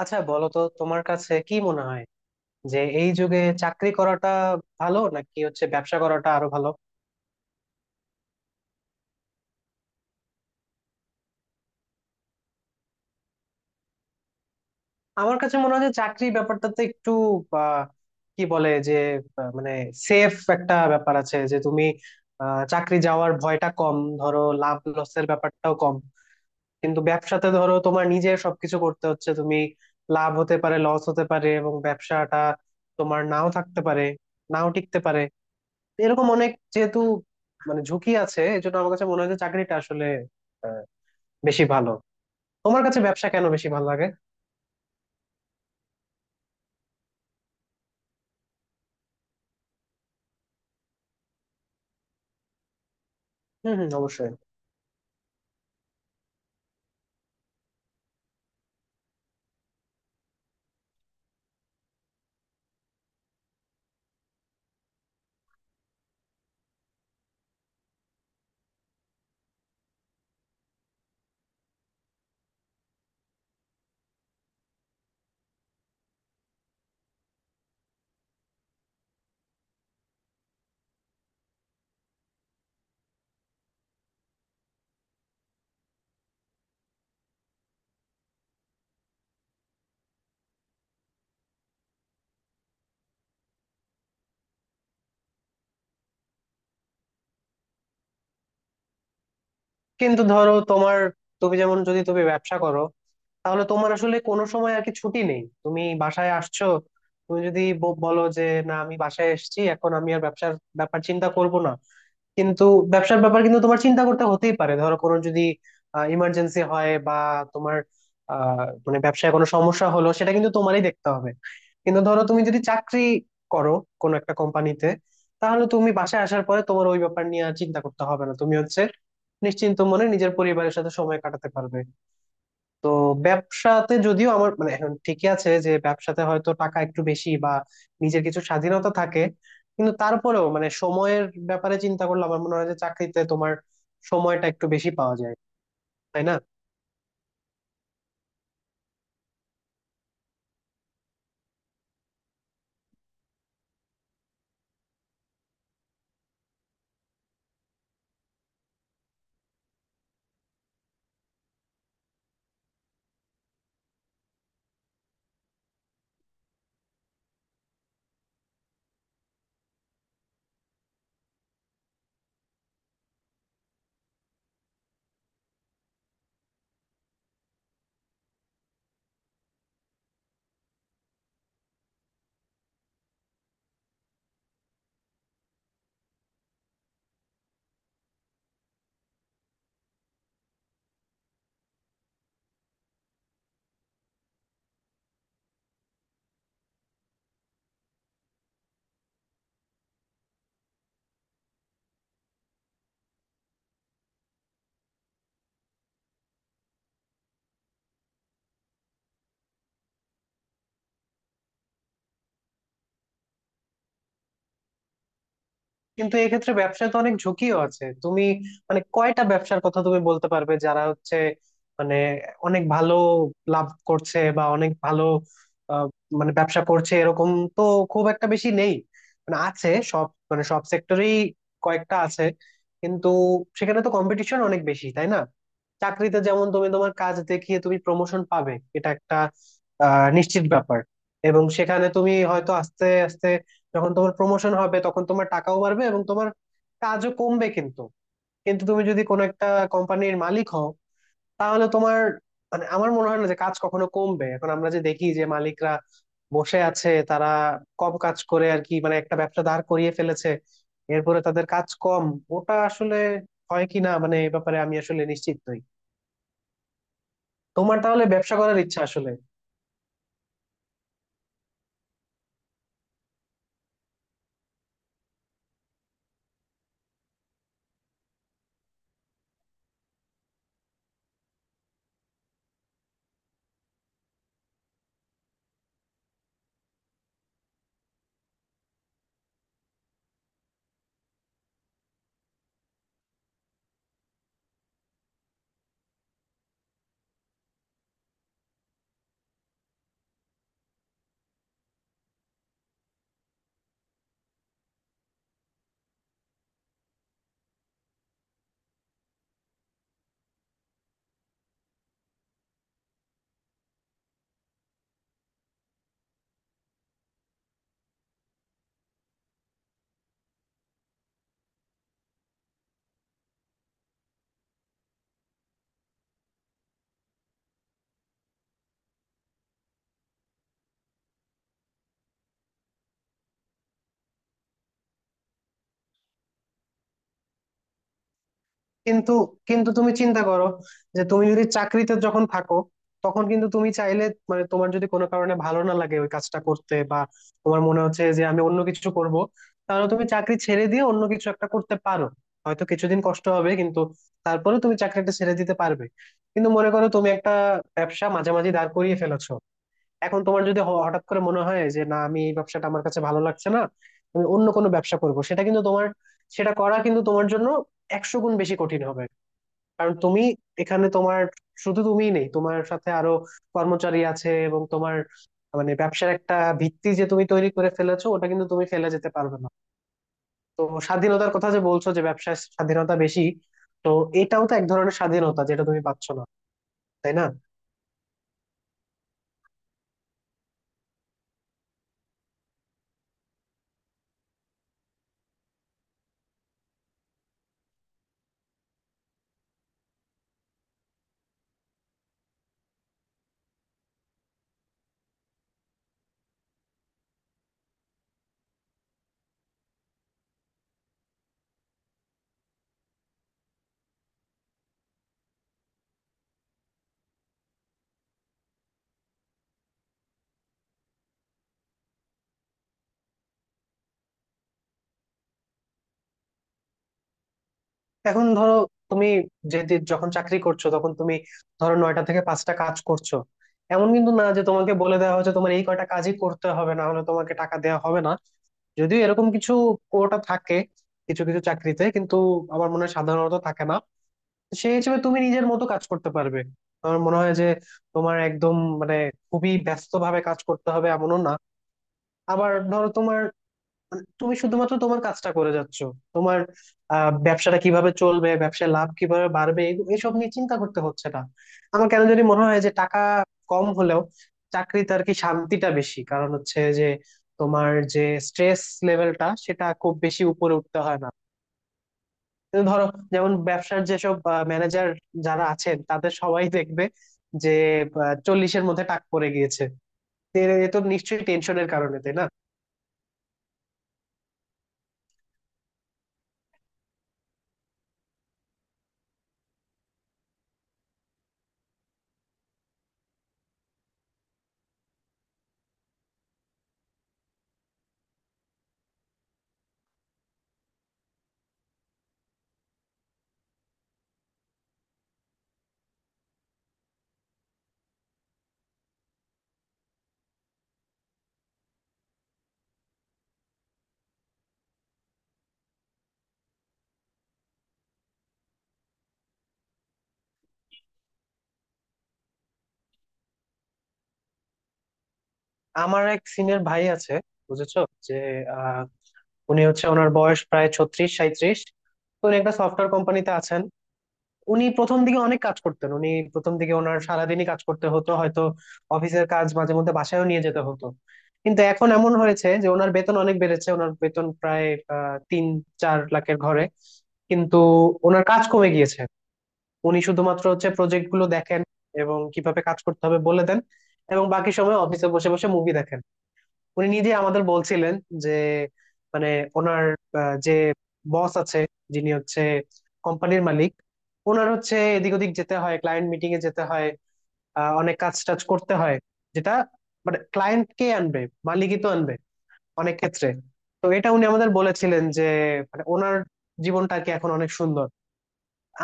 আচ্ছা বলো তো তোমার কাছে কি মনে হয় যে এই যুগে চাকরি করাটা ভালো নাকি হচ্ছে ব্যবসা করাটা আরো ভালো? আমার কাছে মনে হয় যে চাকরি ব্যাপারটাতে একটু আহ, কি বলে যে মানে সেফ একটা ব্যাপার আছে, যে তুমি চাকরি যাওয়ার ভয়টা কম, ধরো লাভ লসের ব্যাপারটাও কম। কিন্তু ব্যবসাতে ধরো তোমার নিজের সবকিছু করতে হচ্ছে, তুমি লাভ হতে পারে লস হতে পারে এবং ব্যবসাটা তোমার নাও থাকতে পারে, নাও টিকতে পারে, এরকম অনেক যেহেতু মানে ঝুঁকি আছে, এই জন্য আমার কাছে মনে হয় যে চাকরিটা আসলে আহ, বেশি ভালো। তোমার কাছে ব্যবসা কেন বেশি ভালো লাগে? হম হম, অবশ্যই। কিন্তু ধরো তোমার, তুমি যেমন যদি তুমি ব্যবসা করো তাহলে তোমার আসলে কোনো সময় আর কি, ছুটি নেই। তুমি বাসায় আসছো, তুমি যদি বলো যে না, আমি বাসায় এসেছি, এখন আমি আর ব্যবসার ব্যাপার চিন্তা করব না, কিন্তু ব্যবসার ব্যাপার কিন্তু তোমার চিন্তা করতে হতেই পারে। ধরো কোনো যদি ইমার্জেন্সি হয় বা তোমার আহ, মানে ব্যবসায় কোনো সমস্যা হলো, সেটা কিন্তু তোমারই দেখতে হবে। কিন্তু ধরো তুমি যদি চাকরি করো কোনো একটা কোম্পানিতে, তাহলে তুমি বাসায় আসার পরে তোমার ওই ব্যাপার নিয়ে আর চিন্তা করতে হবে না, তুমি হচ্ছে নিশ্চিন্ত মনে নিজের পরিবারের সাথে সময় কাটাতে পারবে। তো ব্যবসাতে যদিও আমার মানে এখন ঠিকই আছে যে ব্যবসাতে হয়তো টাকা একটু বেশি বা নিজের কিছু স্বাধীনতা থাকে, কিন্তু তারপরেও মানে সময়ের ব্যাপারে চিন্তা করলে আমার মনে হয় যে চাকরিতে তোমার সময়টা একটু বেশি পাওয়া যায়, তাই না? কিন্তু এক্ষেত্রে ব্যবসায় তো অনেক ঝুঁকিও আছে। তুমি মানে কয়টা ব্যবসার কথা তুমি বলতে পারবে যারা হচ্ছে মানে অনেক ভালো লাভ করছে বা অনেক ভালো আহ, মানে ব্যবসা করছে? এরকম তো খুব একটা বেশি নেই। মানে আছে, সব মানে সব সেক্টরেই কয়েকটা আছে, কিন্তু সেখানে তো কম্পিটিশন অনেক বেশি, তাই না? চাকরিতে যেমন তুমি তোমার কাজ দেখিয়ে তুমি প্রমোশন পাবে, এটা একটা নিশ্চিত ব্যাপার। এবং সেখানে তুমি হয়তো আস্তে আস্তে যখন তোমার প্রমোশন হবে তখন তোমার টাকাও বাড়বে এবং তোমার কাজও কমবে, কিন্তু কিন্তু তুমি যদি কোনো একটা কোম্পানির মালিক হও তাহলে তোমার মানে আমার মনে হয় না যে কাজ কখনো কমবে। এখন আমরা যে দেখি যে মালিকরা বসে আছে, তারা কম কাজ করে আর কি, মানে একটা ব্যবসা দাঁড় করিয়ে ফেলেছে এরপরে তাদের কাজ কম, ওটা আসলে হয় কি না মানে এ ব্যাপারে আমি আসলে নিশ্চিত নই। তোমার তাহলে ব্যবসা করার ইচ্ছা আসলে। কিন্তু কিন্তু তুমি চিন্তা করো যে তুমি যদি চাকরিতে যখন থাকো তখন কিন্তু তুমি চাইলে মানে তোমার যদি কোনো কারণে ভালো না লাগে ওই কাজটা করতে, বা তোমার মনে হচ্ছে যে আমি অন্য কিছু করব, তাহলে তুমি চাকরি ছেড়ে দিয়ে অন্য কিছু একটা করতে পারো। হয়তো কিছুদিন কষ্ট হবে, কিন্তু তারপরে তুমি চাকরিটা ছেড়ে দিতে পারবে। কিন্তু মনে করো তুমি একটা ব্যবসা মাঝামাঝি দাঁড় করিয়ে ফেলেছো, এখন তোমার যদি হঠাৎ করে মনে হয় যে না, আমি এই ব্যবসাটা আমার কাছে ভালো লাগছে না, আমি অন্য কোনো ব্যবসা করব, সেটা কিন্তু তোমার, সেটা করা কিন্তু তোমার জন্য 100 গুণ বেশি কঠিন হবে। কারণ তুমি, এখানে তোমার শুধু তুমিই নেই, তোমার সাথে আরো কর্মচারী আছে এবং তোমার মানে ব্যবসার একটা ভিত্তি যে তুমি তৈরি করে ফেলেছো ওটা কিন্তু তুমি ফেলে যেতে পারবে না। তো স্বাধীনতার কথা যে বলছো যে ব্যবসায় স্বাধীনতা বেশি, তো এটাও তো এক ধরনের স্বাধীনতা যেটা তুমি পাচ্ছ না, তাই না? এখন ধরো তুমি, যেহেতু যখন চাকরি করছো তখন তুমি ধরো 9টা থেকে 5টা কাজ করছো, এমন কিন্তু না যে তোমাকে বলে দেওয়া হয়েছে তোমার এই কয়টা কাজই করতে হবে, না হলে তোমাকে টাকা দেওয়া হবে না। যদিও এরকম কিছু কোটা থাকে কিছু কিছু চাকরিতে, কিন্তু আমার মনে হয় সাধারণত থাকে না। তো সেই হিসেবে তুমি নিজের মতো কাজ করতে পারবে, আমার মনে হয় যে তোমার একদম মানে খুবই ব্যস্ত ভাবে কাজ করতে হবে এমনও না। আবার ধরো তোমার মানে তুমি শুধুমাত্র তোমার কাজটা করে যাচ্ছ, তোমার ব্যবসাটা কিভাবে চলবে, ব্যবসায় লাভ কিভাবে বাড়বে, এসব নিয়ে চিন্তা করতে হচ্ছে না। আমার কেন জানি মনে হয় যে টাকা কম হলেও চাকরিতে আর কি শান্তিটা বেশি, কারণ হচ্ছে যে তোমার যে স্ট্রেস লেভেলটা, সেটা খুব বেশি উপরে উঠতে হয় না। তো ধরো, যেমন ব্যবসার যেসব ম্যানেজার যারা আছেন তাদের সবাই দেখবে যে 40-এর মধ্যে টাক পড়ে গিয়েছে, তো এ এ তো নিশ্চয়ই টেনশনের কারণে, তাই না? আমার এক সিনিয়র ভাই আছে, বুঝেছো? যে আহ, উনি হচ্ছে ওনার বয়স প্রায় 36-37। তো উনি একটা সফটওয়্যার কোম্পানিতে আছেন। উনি প্রথম দিকে অনেক কাজ করতেন, উনি প্রথম দিকে ওনার সারাদিনই কাজ করতে হতো, হয়তো অফিসের কাজ মাঝে মধ্যে বাসায়ও নিয়ে যেতে হতো। কিন্তু এখন এমন হয়েছে যে ওনার বেতন অনেক বেড়েছে, ওনার বেতন প্রায় 3-4 লাখের ঘরে। কিন্তু ওনার কাজ কমে গিয়েছে। উনি শুধুমাত্র হচ্ছে প্রজেক্ট গুলো দেখেন এবং কিভাবে কাজ করতে হবে বলে দেন, এবং বাকি সময় অফিসে বসে বসে মুভি দেখেন। উনি নিজে আমাদের বলছিলেন যে মানে ওনার যে বস আছে, যিনি হচ্ছে কোম্পানির মালিক, ওনার হচ্ছে এদিক ওদিক যেতে হয়, ক্লায়েন্ট মিটিং এ যেতে হয়, অনেক কাজ টাজ করতে হয়, যেটা মানে ক্লায়েন্ট কে আনবে, মালিকই তো আনবে অনেক ক্ষেত্রে। তো এটা উনি আমাদের বলেছিলেন যে মানে ওনার জীবনটা আর কি এখন অনেক সুন্দর।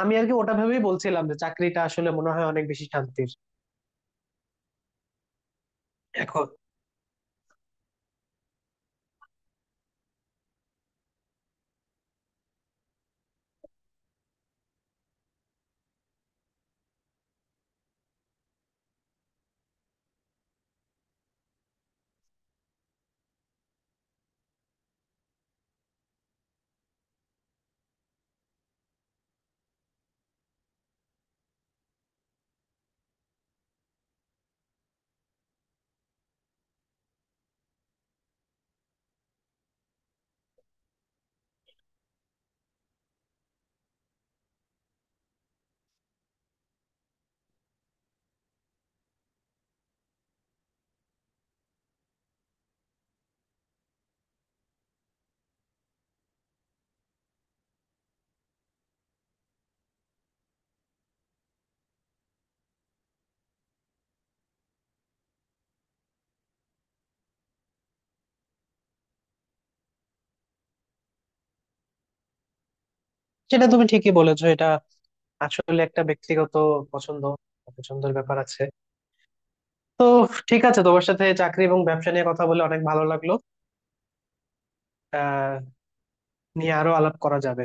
আমি আর কি ওটা ভেবেই বলছিলাম যে চাকরিটা আসলে মনে হয় অনেক বেশি শান্তির। এখন সেটা তুমি ঠিকই বলেছো, এটা আসলে একটা ব্যক্তিগত পছন্দ পছন্দের ব্যাপার আছে। তো ঠিক আছে, তোমার সাথে চাকরি এবং ব্যবসা নিয়ে কথা বলে অনেক ভালো লাগলো। আহ নিয়ে আরো আলাপ করা যাবে।